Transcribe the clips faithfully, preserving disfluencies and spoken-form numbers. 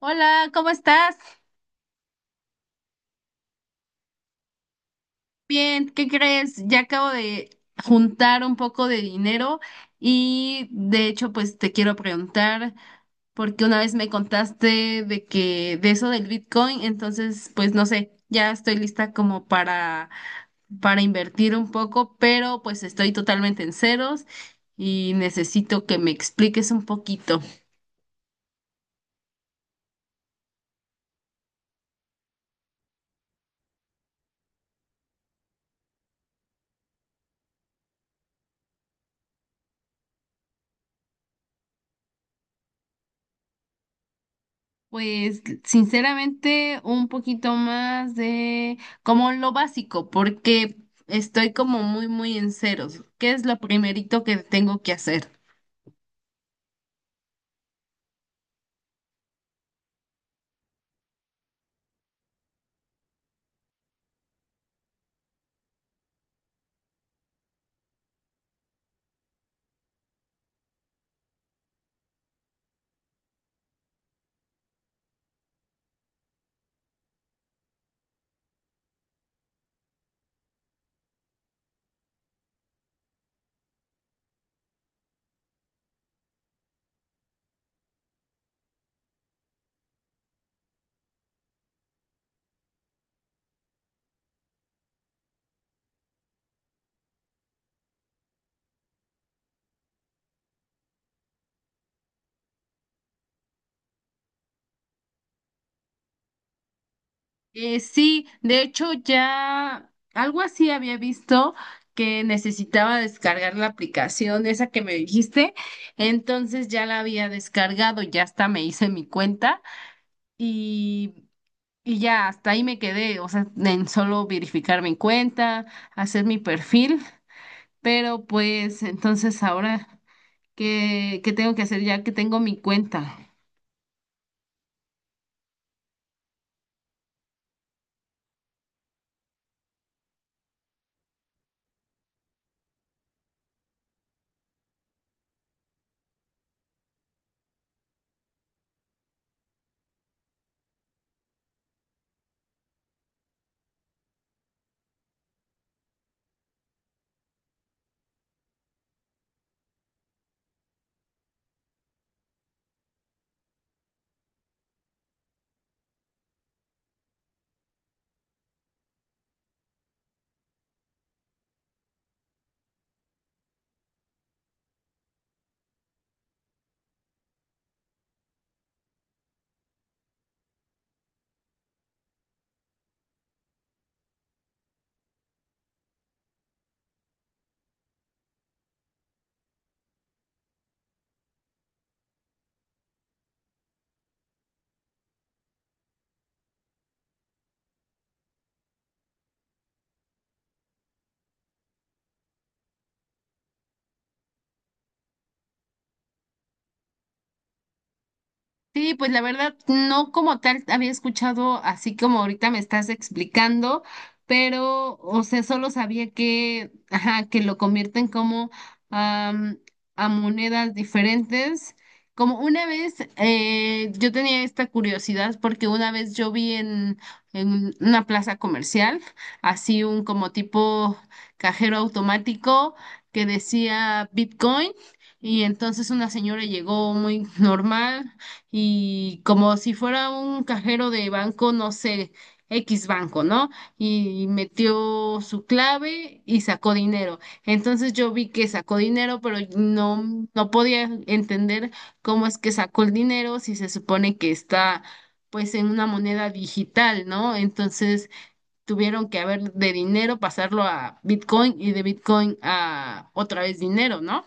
Hola, ¿cómo estás? Bien, ¿qué crees? Ya acabo de juntar un poco de dinero y de hecho pues te quiero preguntar porque una vez me contaste de que de eso del Bitcoin, entonces pues no sé, ya estoy lista como para para invertir un poco, pero pues estoy totalmente en ceros y necesito que me expliques un poquito. Pues sinceramente un poquito más de como lo básico, porque estoy como muy, muy en ceros. ¿Qué es lo primerito que tengo que hacer? Eh, sí, de hecho ya algo así había visto que necesitaba descargar la aplicación esa que me dijiste, entonces ya la había descargado, ya hasta me hice mi cuenta y, y ya hasta ahí me quedé, o sea, en solo verificar mi cuenta, hacer mi perfil. Pero pues entonces ahora, ¿qué, ¿qué tengo que hacer ya que tengo mi cuenta? Sí, pues la verdad, no como tal había escuchado así como ahorita me estás explicando, pero, o sea, solo sabía que, ajá, que lo convierten como am, a monedas diferentes. Como una vez, eh, yo tenía esta curiosidad porque una vez yo vi en, en una plaza comercial, así un como tipo cajero automático que decía Bitcoin. Y entonces una señora llegó muy normal, y como si fuera un cajero de banco, no sé, X banco, ¿no? Y metió su clave y sacó dinero. Entonces yo vi que sacó dinero, pero no, no podía entender cómo es que sacó el dinero si se supone que está pues en una moneda digital, ¿no? Entonces tuvieron que haber de dinero pasarlo a Bitcoin y de Bitcoin a otra vez dinero, ¿no?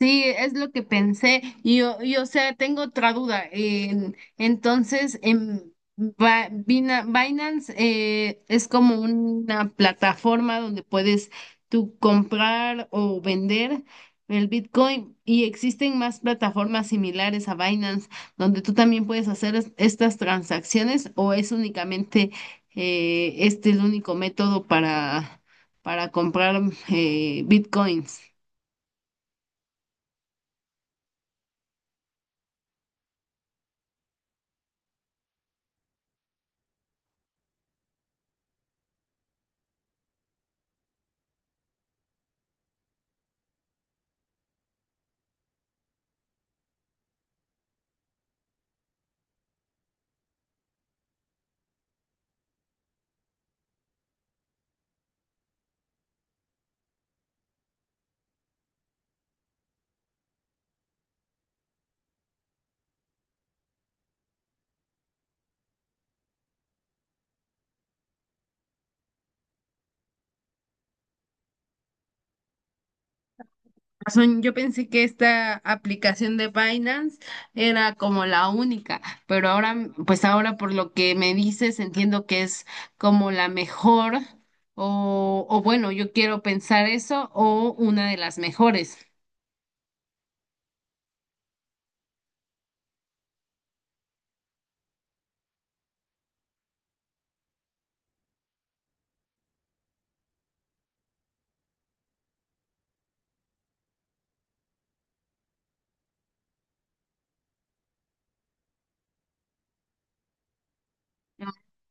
Sí, es lo que pensé. Y, o- y o sea, tengo otra duda. En- entonces, en Ba- Bina- Binance eh, es como una plataforma donde puedes tú comprar o vender el Bitcoin y existen más plataformas similares a Binance donde tú también puedes hacer es- estas transacciones o es únicamente eh, este el único método para, para comprar eh, Bitcoins. Razón, yo pensé que esta aplicación de Binance era como la única, pero ahora, pues ahora por lo que me dices, entiendo que es como la mejor, o, o bueno, yo quiero pensar eso, o una de las mejores.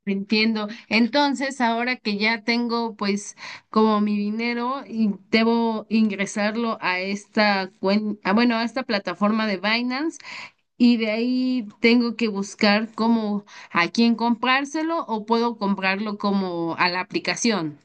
Entiendo. Entonces, ahora que ya tengo pues como mi dinero y debo ingresarlo a esta cuen- ah, bueno, a esta plataforma de Binance. Y de ahí tengo que buscar cómo a quién comprárselo o puedo comprarlo como a la aplicación.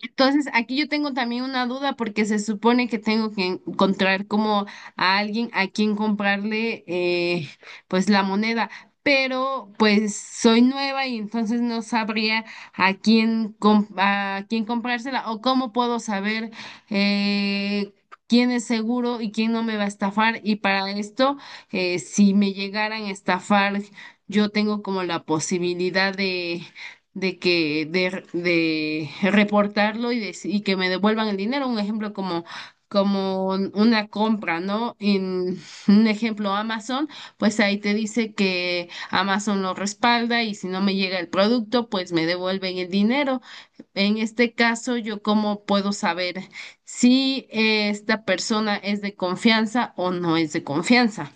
Entonces, aquí yo tengo también una duda porque se supone que tengo que encontrar como a alguien a quien comprarle eh, pues la moneda, pero pues soy nueva y entonces no sabría a quién, com- a quién comprársela o cómo puedo saber eh, quién es seguro y quién no me va a estafar. Y para esto, eh, si me llegaran a estafar, yo tengo como la posibilidad de que de, de reportarlo y, de- y que me devuelvan el dinero. Un ejemplo como, como una compra, ¿no? En un ejemplo Amazon, pues ahí te dice que Amazon lo respalda y si no me llega el producto, pues me devuelven el dinero. En este caso, yo cómo puedo saber si eh, esta persona es de confianza o no es de confianza.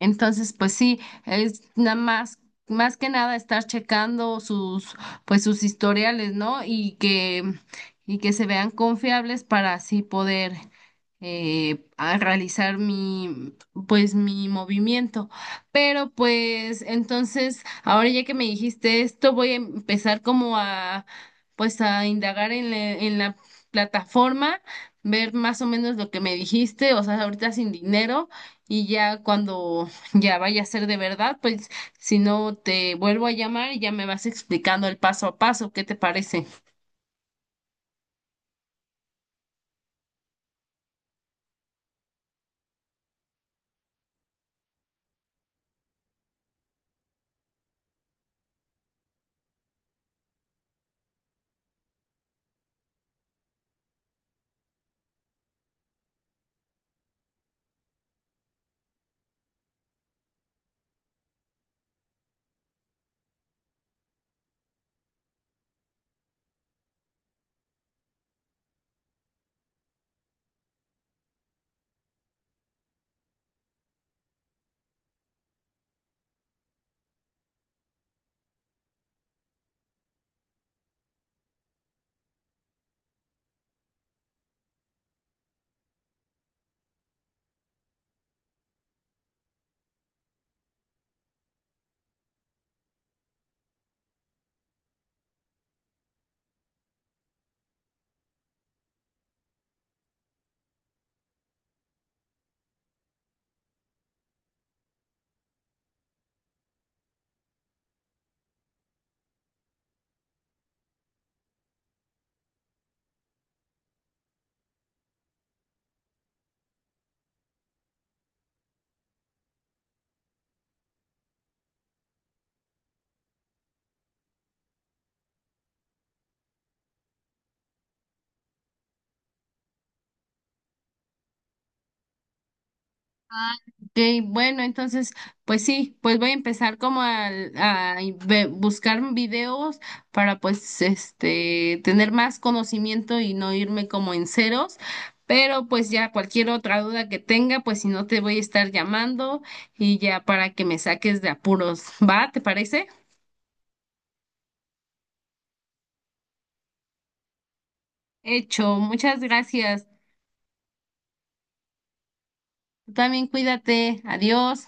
Entonces, pues sí, es nada más, más que nada estar checando sus, pues sus historiales, ¿no? Y que, y que se vean confiables para así poder eh, a realizar mi, pues mi movimiento. Pero pues entonces, ahora ya que me dijiste esto, voy a empezar como a, pues a indagar en la, en la plataforma, ver más o menos lo que me dijiste, o sea, ahorita sin dinero y ya cuando ya vaya a ser de verdad, pues si no te vuelvo a llamar y ya me vas explicando el paso a paso, ¿qué te parece? Ok, bueno, entonces, pues sí, pues voy a empezar como al- a, ve- buscar videos para pues este tener más conocimiento y no irme como en ceros, pero pues ya cualquier otra duda que tenga, pues si no te voy a estar llamando y ya para que me saques de apuros, ¿va? ¿Te parece? Hecho, muchas gracias. Tú también cuídate, adiós.